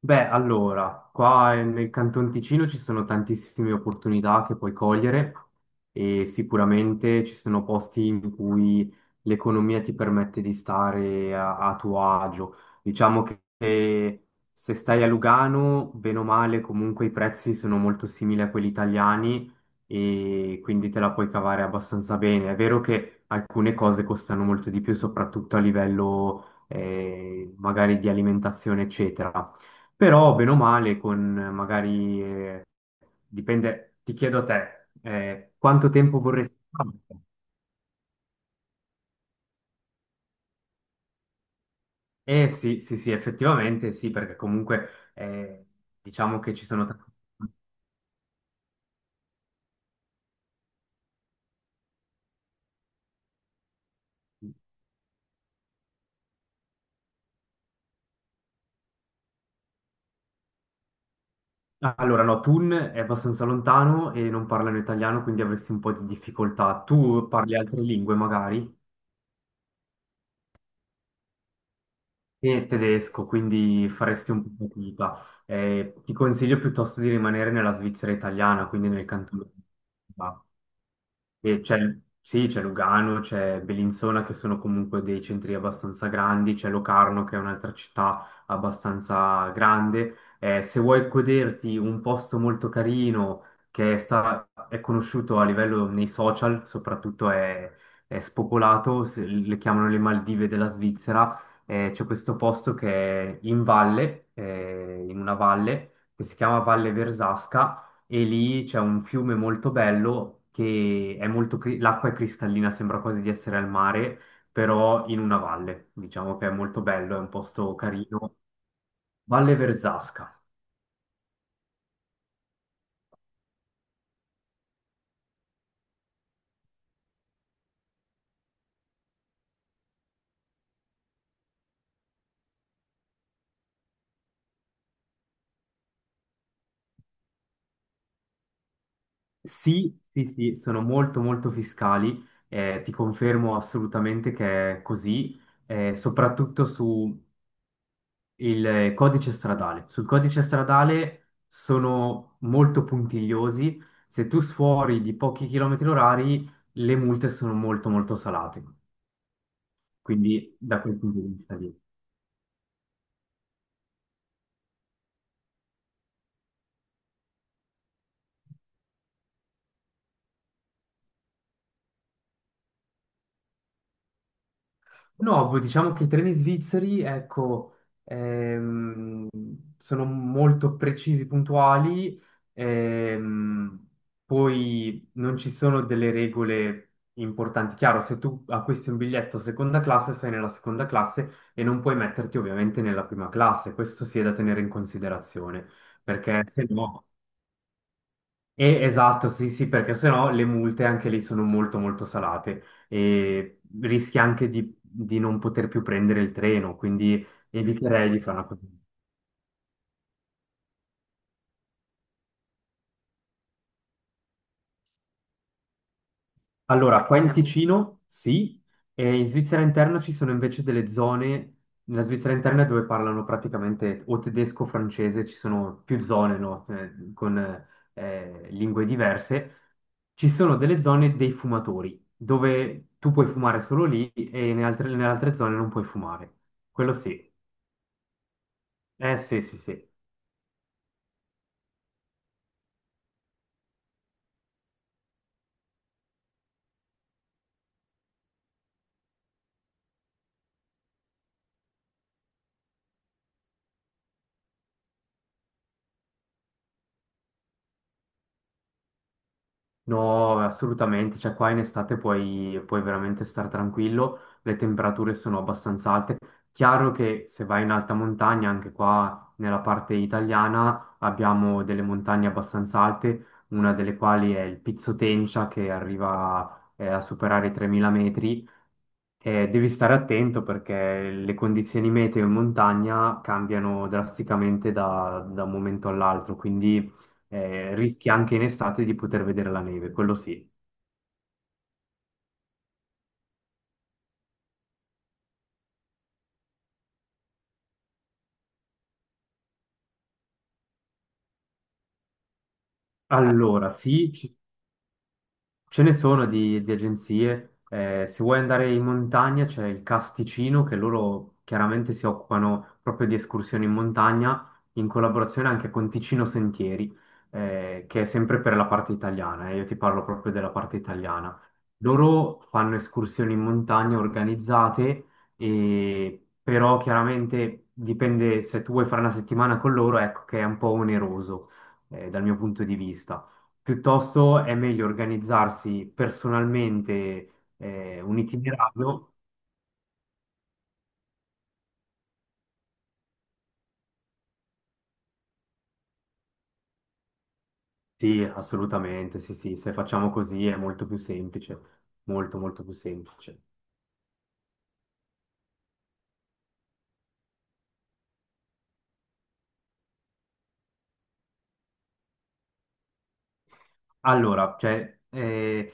Beh, allora, qua nel Canton Ticino ci sono tantissime opportunità che puoi cogliere e sicuramente ci sono posti in cui l'economia ti permette di stare a tuo agio. Diciamo che se stai a Lugano, bene o male, comunque i prezzi sono molto simili a quelli italiani e quindi te la puoi cavare abbastanza bene. È vero che alcune cose costano molto di più, soprattutto a livello magari di alimentazione, eccetera. Però, bene o male, con magari, dipende, ti chiedo a te, quanto tempo vorresti fare? Eh sì, sì, sì, effettivamente sì, perché comunque eh, diciamo che ci sono. Allora, no, Thun è abbastanza lontano e non parlano italiano, quindi avresti un po' di difficoltà. Tu parli altre lingue magari e tedesco, quindi faresti un po' di fatica. Ti consiglio piuttosto di rimanere nella Svizzera italiana, quindi nel cantone. E sì, c'è Lugano, c'è Bellinzona che sono comunque dei centri abbastanza grandi, c'è Locarno che è un'altra città abbastanza grande. Se vuoi goderti un posto molto carino che è conosciuto a livello nei social, soprattutto è spopolato, le chiamano le Maldive della Svizzera, c'è questo posto che è in valle, in una valle che si chiama Valle Versasca, e lì c'è un fiume molto bello che è molto. L'acqua è cristallina, sembra quasi di essere al mare, però in una valle, diciamo che è molto bello, è un posto carino. Valle Verzasca. Sì, sì, sì, sono molto molto fiscali, ti confermo assolutamente che è così, soprattutto su il codice stradale. Sul codice stradale sono molto puntigliosi. Se tu sfuori di pochi chilometri orari, le multe sono molto molto salate. Quindi da quel punto di vista lì. No, poi diciamo che i treni svizzeri, ecco, ehm, sono molto precisi, puntuali, ehm, poi non ci sono delle regole importanti. Chiaro, se tu acquisti un biglietto seconda classe, sei nella seconda classe e non puoi metterti ovviamente nella prima classe, questo sì è da tenere in considerazione, perché se no. Esatto, sì, sì, perché sennò le multe anche lì sono molto molto salate e rischi anche di non poter più prendere il treno, quindi eviterei di fare una cosa. Allora, qua in Ticino sì, e in Svizzera interna ci sono invece delle zone, nella Svizzera interna dove parlano praticamente o tedesco o francese, ci sono più zone, no? Con lingue diverse ci sono delle zone dei fumatori, dove tu puoi fumare solo lì e nelle altre zone non puoi fumare. Quello sì. Eh sì, sì, sì. No, assolutamente. Cioè, qua in estate puoi veramente stare tranquillo. Le temperature sono abbastanza alte. Chiaro che se vai in alta montagna, anche qua nella parte italiana, abbiamo delle montagne abbastanza alte, una delle quali è il Pizzo Tencia, che arriva, a superare i 3.000 metri. Devi stare attento perché le condizioni meteo in montagna cambiano drasticamente da un momento all'altro, quindi rischi anche in estate di poter vedere la neve, quello sì. Allora, sì, ci ce ne sono di agenzie, se vuoi andare in montagna c'è il Casticino che loro chiaramente si occupano proprio di escursioni in montagna in collaborazione anche con Ticino Sentieri, che è sempre per la parte italiana, io ti parlo proprio della parte italiana. Loro fanno escursioni in montagna organizzate, e, però chiaramente dipende se tu vuoi fare una settimana con loro, ecco che è un po' oneroso, dal mio punto di vista. Piuttosto è meglio organizzarsi personalmente un itinerario. Sì, assolutamente, sì, sì, se facciamo così è molto più semplice, molto, molto più semplice. Allora, cioè, eh,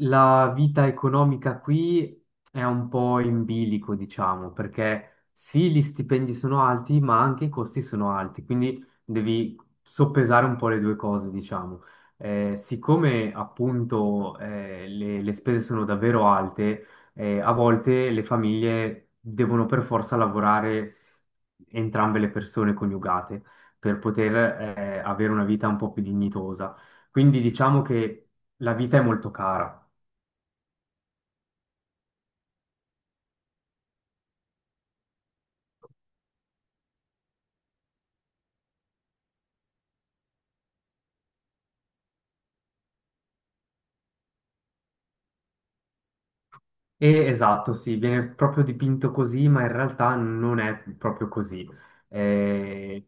La vita economica qui è un po' in bilico, diciamo, perché sì, gli stipendi sono alti, ma anche i costi sono alti, quindi devi soppesare un po' le due cose, diciamo. Siccome appunto le spese sono davvero alte, a volte le famiglie devono per forza lavorare entrambe le persone coniugate per poter avere una vita un po' più dignitosa. Quindi diciamo che la vita è molto cara. E esatto, sì, viene proprio dipinto così, ma in realtà non è proprio così. Eh,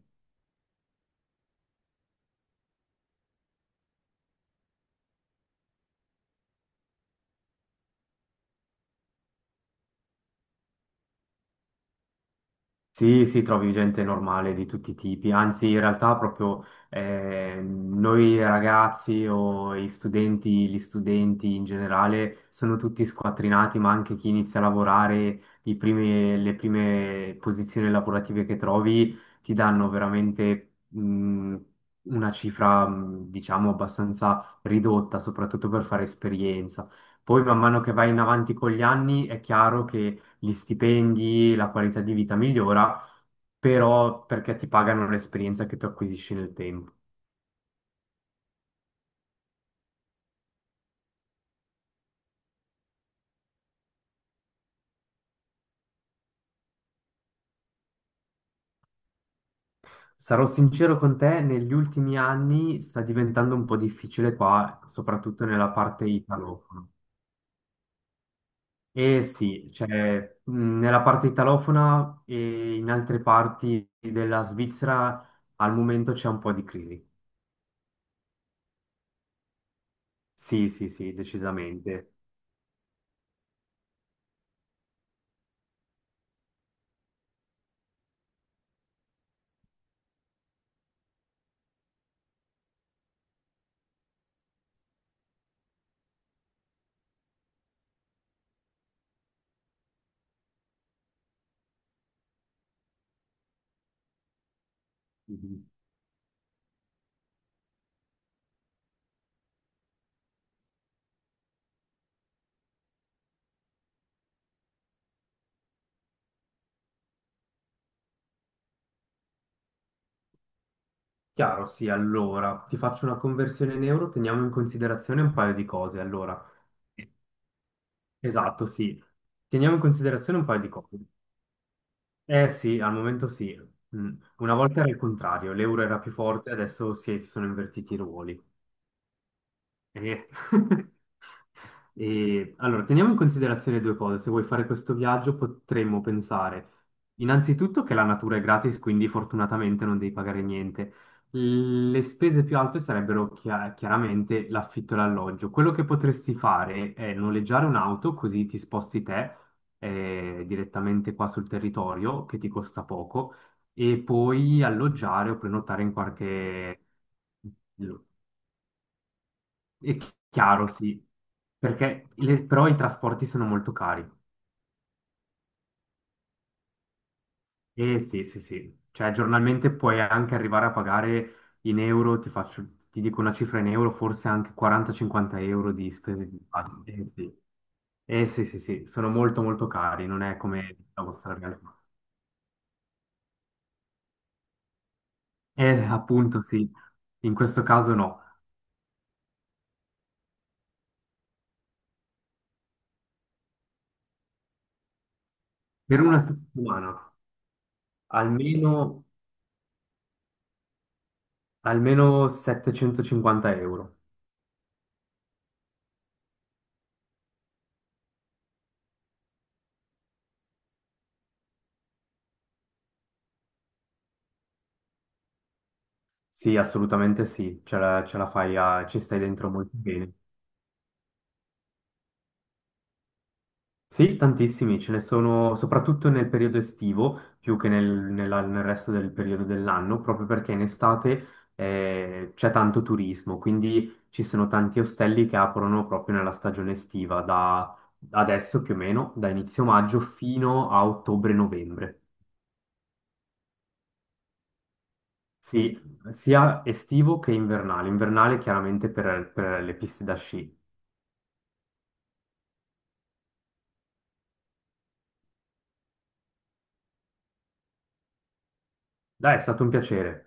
Sì, sì, trovi gente normale di tutti i tipi, anzi in realtà proprio noi ragazzi o i studenti, gli studenti in generale sono tutti squattrinati, ma anche chi inizia a lavorare, le prime posizioni lavorative che trovi ti danno veramente una cifra, diciamo, abbastanza ridotta, soprattutto per fare esperienza. Poi man mano che vai in avanti con gli anni è chiaro che gli stipendi, la qualità di vita migliora, però perché ti pagano l'esperienza che tu acquisisci nel tempo. Sarò sincero con te, negli ultimi anni sta diventando un po' difficile qua, soprattutto nella parte italofona. Eh sì, cioè, nella parte italofona e in altre parti della Svizzera al momento c'è un po' di crisi. Sì, sì, sì, decisamente. Mhm. Chiaro, sì, allora ti faccio una conversione in euro, teniamo in considerazione un paio di cose. Allora. Esatto, sì. Teniamo in considerazione un paio di cose. Eh sì, al momento sì. Mm. Una volta era il contrario, l'euro era più forte, adesso sì, si sono invertiti i ruoli. Eh. E, allora, teniamo in considerazione due cose. Se vuoi fare questo viaggio, potremmo pensare innanzitutto che la natura è gratis, quindi fortunatamente non devi pagare niente. Le spese più alte sarebbero chiaramente l'affitto e l'alloggio. Quello che potresti fare è noleggiare un'auto, così ti sposti te direttamente qua sul territorio, che ti costa poco, e poi alloggiare o prenotare in qualche. È chiaro, sì, perché però i trasporti sono molto cari. Eh sì, sì, sì, cioè giornalmente puoi anche arrivare a pagare in euro, ti dico una cifra in euro, forse anche 40-50 euro di spese di viaggio. Eh sì. Eh sì, sì, sì, sono molto molto cari, non è come la vostra realtà. Appunto sì, in questo caso no. Per una settimana almeno, almeno 750 euro. Sì, assolutamente sì, ce la fai, ci stai dentro molto bene. Sì, tantissimi, ce ne sono soprattutto nel periodo estivo, più che nel resto del periodo dell'anno, proprio perché in estate c'è tanto turismo, quindi ci sono tanti ostelli che aprono proprio nella stagione estiva, da adesso più o meno, da inizio maggio fino a ottobre-novembre. Sì, sia estivo che invernale, invernale chiaramente per le piste da sci. Dai, è stato un piacere.